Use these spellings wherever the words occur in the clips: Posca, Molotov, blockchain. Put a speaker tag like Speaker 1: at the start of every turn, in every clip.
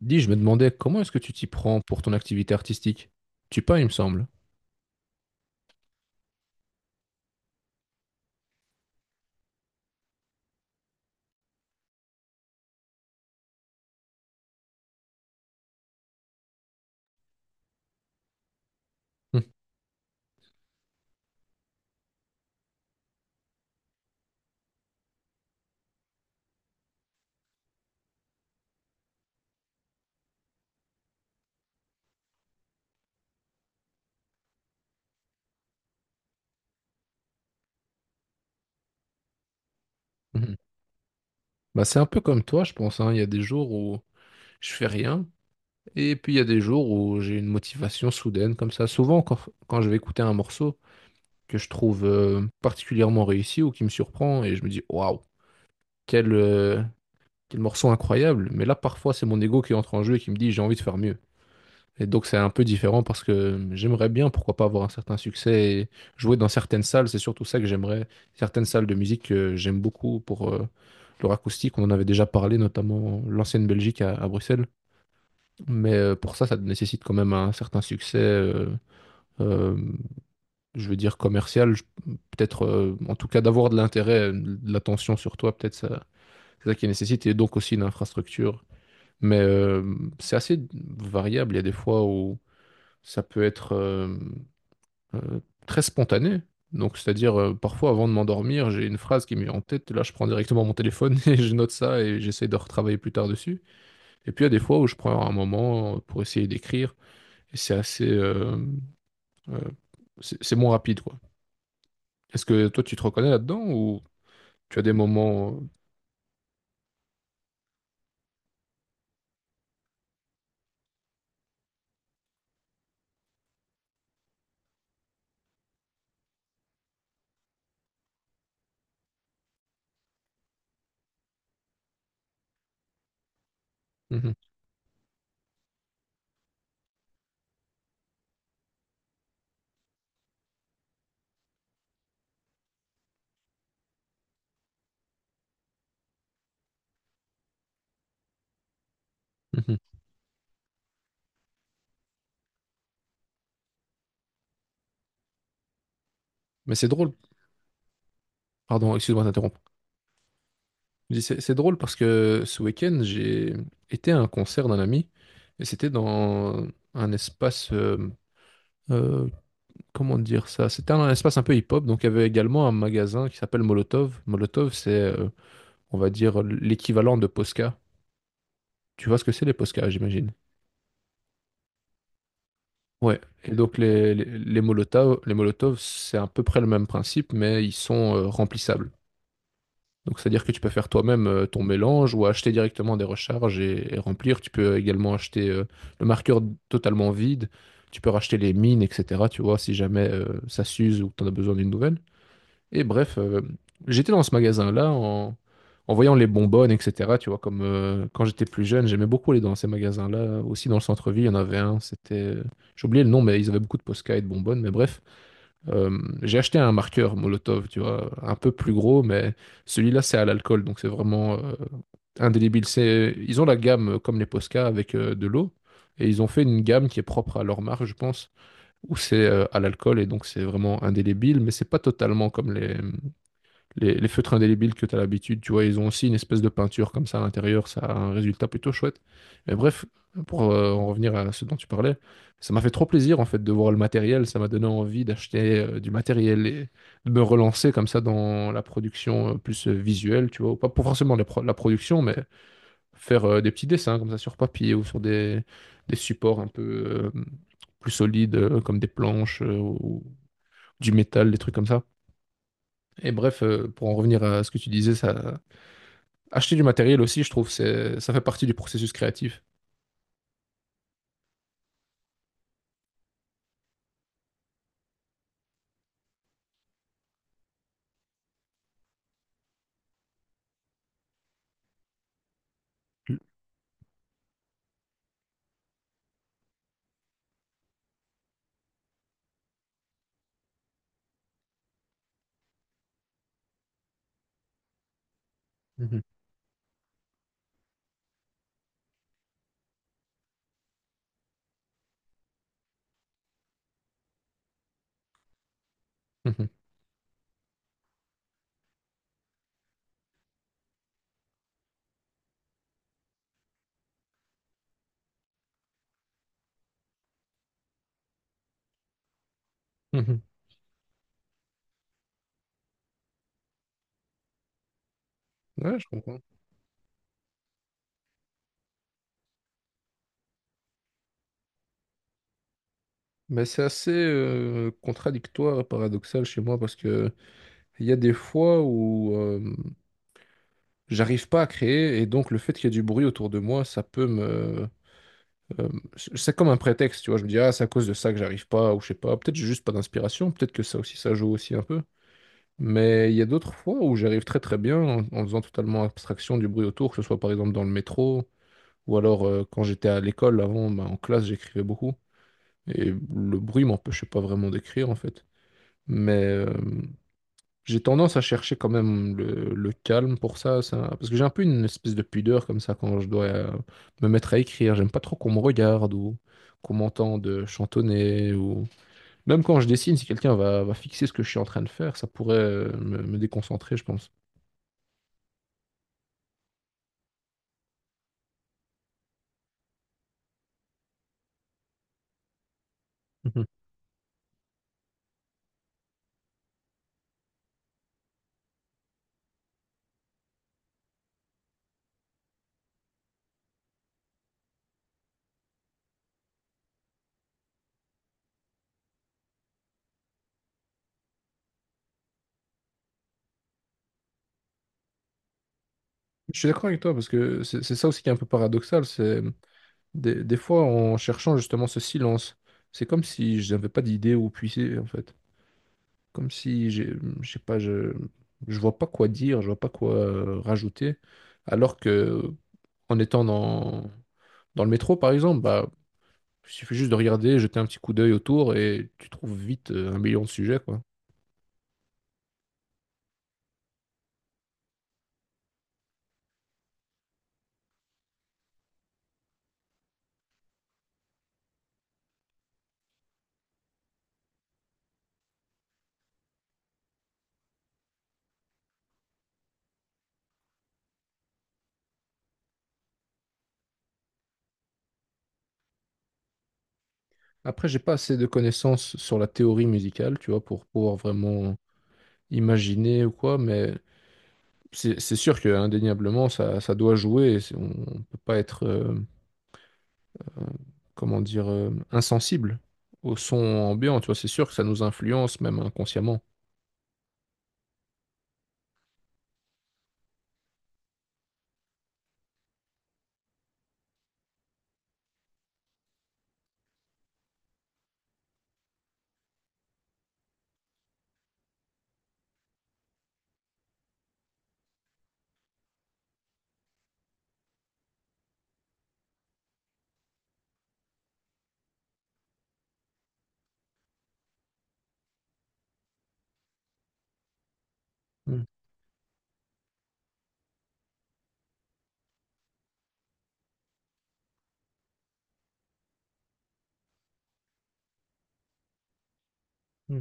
Speaker 1: Dis, je me demandais comment est-ce que tu t'y prends pour ton activité artistique? Tu peins, il me semble. Hum, hum. Bah, c'est un peu comme toi, je pense, hein. Il y a des jours où je fais rien, et puis il y a des jours où j'ai une motivation soudaine comme ça. Souvent, quand, quand je vais écouter un morceau que je trouve particulièrement réussi ou qui me surprend, et je me dis, waouh, quel, euh, quel morceau incroyable. Mais là, parfois, c'est mon ego qui entre en jeu et qui me dit, j'ai envie de faire mieux. Et donc c'est un peu différent parce que j'aimerais bien, pourquoi pas, avoir un certain succès et jouer dans certaines salles. C'est surtout ça que j'aimerais. Certaines salles de musique que j'aime beaucoup pour leur acoustique. On en avait déjà parlé, notamment l'ancienne Belgique à Bruxelles. Mais pour ça, ça nécessite quand même un certain succès, euh, je veux dire commercial. Peut-être, en tout cas, d'avoir de l'intérêt, de l'attention sur toi, peut-être ça, c'est ça qui nécessite. Et donc aussi une infrastructure. Mais c'est assez variable. Il y a des fois où ça peut être euh, très spontané. Donc, c'est-à-dire, parfois, avant de m'endormir, j'ai une phrase qui m'est en tête. Là, je prends directement mon téléphone et je note ça et j'essaie de retravailler plus tard dessus. Et puis, il y a des fois où je prends un moment pour essayer d'écrire. Et c'est assez... euh, c'est moins rapide, quoi. Est-ce que toi, tu te reconnais là-dedans ou tu as des moments... mhm, mhm. Mais c'est drôle. Pardon, excuse-moi d'interrompre. Je dis, c'est drôle parce que ce week-end, j'ai été à un concert d'un ami et c'était dans un espace, euh, comment dire ça? C'était un espace un peu hip-hop, donc il y avait également un magasin qui s'appelle Molotov. Molotov, c'est, on va dire, l'équivalent de Posca. Tu vois ce que c'est les Posca, j'imagine. Ouais, et donc les Molotov, c'est à peu près le même principe, mais ils sont remplissables. Donc, c'est-à-dire que tu peux faire toi-même ton mélange ou acheter directement des recharges et remplir. Tu peux également acheter le marqueur totalement vide. Tu peux racheter les mines, etc. Tu vois, si jamais ça s'use ou que tu en as besoin d'une nouvelle. Et bref, j'étais dans ce magasin-là en, en voyant les bonbonnes, etc. Tu vois, comme quand j'étais plus jeune, j'aimais beaucoup aller dans ces magasins-là. Aussi dans le centre-ville, il y en avait un. J'ai oublié le nom, mais ils avaient beaucoup de Posca et de bonbonnes. Mais bref. J'ai acheté un marqueur Molotov, tu vois, un peu plus gros, mais celui-là, c'est à l'alcool, donc c'est vraiment indélébile. C'est, ils ont la gamme comme les Posca avec de l'eau, et ils ont fait une gamme qui est propre à leur marque, je pense, où c'est à l'alcool, et donc c'est vraiment indélébile, mais c'est pas totalement comme les feutres indélébiles que tu as l'habitude, tu vois, ils ont aussi une espèce de peinture comme ça à l'intérieur, ça a un résultat plutôt chouette. Mais bref, pour en revenir à ce dont tu parlais, ça m'a fait trop plaisir en fait de voir le matériel, ça m'a donné envie d'acheter du matériel et de me relancer comme ça dans la production plus visuelle, tu vois, ou pas pour forcément la production, mais faire des petits dessins comme ça sur papier ou sur des supports un peu plus solides comme des planches ou du métal, des trucs comme ça. Et bref, pour en revenir à ce que tu disais, ça, acheter du matériel aussi, je trouve, c'est, ça fait partie du processus créatif. Mhm, mhm, mhm. Ouais, je comprends. Mais c'est assez contradictoire et paradoxal chez moi parce que il y a des fois où j'arrive pas à créer et donc le fait qu'il y ait du bruit autour de moi, ça peut me... euh, c'est comme un prétexte, tu vois. Je me dis, ah, c'est à cause de ça que j'arrive pas ou je sais pas. Peut-être j'ai juste pas d'inspiration, peut-être que ça aussi, ça joue aussi un peu. Mais il y a d'autres fois où j'arrive très très bien en, en faisant totalement abstraction du bruit autour, que ce soit par exemple dans le métro. Ou alors, quand j'étais à l'école, avant, bah, en classe, j'écrivais beaucoup. Et le bruit m'empêchait pas vraiment d'écrire, en fait. Mais j'ai tendance à chercher quand même le calme pour ça, ça. Parce que j'ai un peu une espèce de pudeur comme ça quand je dois me mettre à écrire. J'aime pas trop qu'on me regarde ou qu'on m'entende chantonner. Ou... Même quand je dessine, si quelqu'un va, va fixer ce que je suis en train de faire, ça pourrait me déconcentrer, je pense. Mhm. Je suis d'accord avec toi, parce que c'est ça aussi qui est un peu paradoxal. C'est des fois, en cherchant justement ce silence, c'est comme si je n'avais pas d'idée où puiser, en fait. Comme si j'ai, je sais pas, je vois pas quoi dire, je vois pas quoi rajouter. Alors que, en étant dans, dans le métro, par exemple, bah, il suffit juste de regarder, jeter un petit coup d'œil autour et tu trouves vite 1 million de sujets, quoi. Après, j'ai pas assez de connaissances sur la théorie musicale, tu vois, pour pouvoir vraiment imaginer ou quoi, mais c'est sûr que indéniablement ça, ça doit jouer. On ne peut pas être, euh, comment dire, insensible au son ambiant. Tu vois, c'est sûr que ça nous influence même inconsciemment. Hmm, hmm,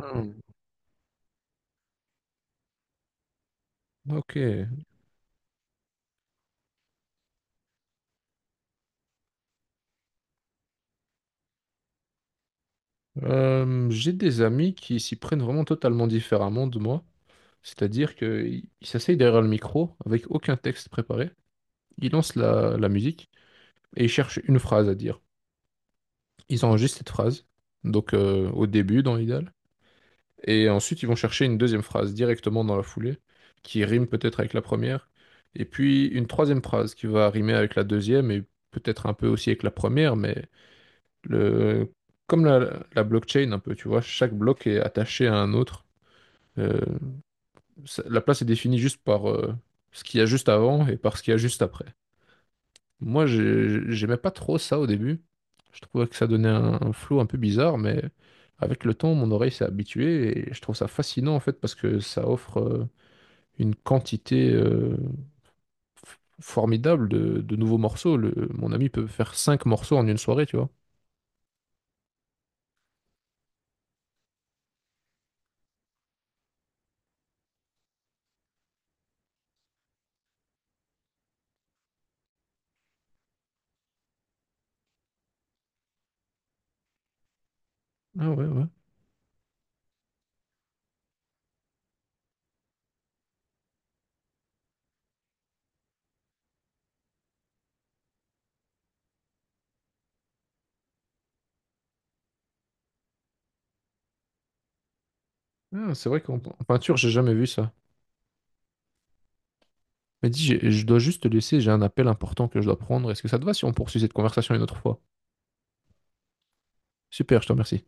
Speaker 1: hmm. Ok. J'ai des amis qui s'y prennent vraiment totalement différemment de moi. C'est-à-dire qu'ils s'asseyent derrière le micro avec aucun texte préparé. Ils lancent la, la musique et ils cherchent une phrase à dire. Ils enregistrent cette phrase. Donc au début dans l'idéal. Et ensuite, ils vont chercher une deuxième phrase directement dans la foulée, qui rime peut-être avec la première, et puis une troisième phrase qui va rimer avec la deuxième, et peut-être un peu aussi avec la première, mais le... comme la blockchain un peu, tu vois, chaque bloc est attaché à un autre. Euh, ça- la place est définie juste par ce qu'il y a juste avant et par ce qu'il y a juste après. Moi, j'aimais pas trop ça au début. Je trouvais que ça donnait un flow un peu bizarre, mais avec le temps, mon oreille s'est habituée et je trouve ça fascinant en fait parce que ça offre une quantité formidable de nouveaux morceaux. Mon ami peut faire 5 morceaux en une soirée, tu vois. Ah ouais, ouais. Ah, c'est vrai qu'en en peinture, j'ai jamais vu ça. Mais dis, je dois juste te laisser, j'ai un appel important que je dois prendre. Est-ce que ça te va si on poursuit cette conversation une autre fois? Super, je te remercie.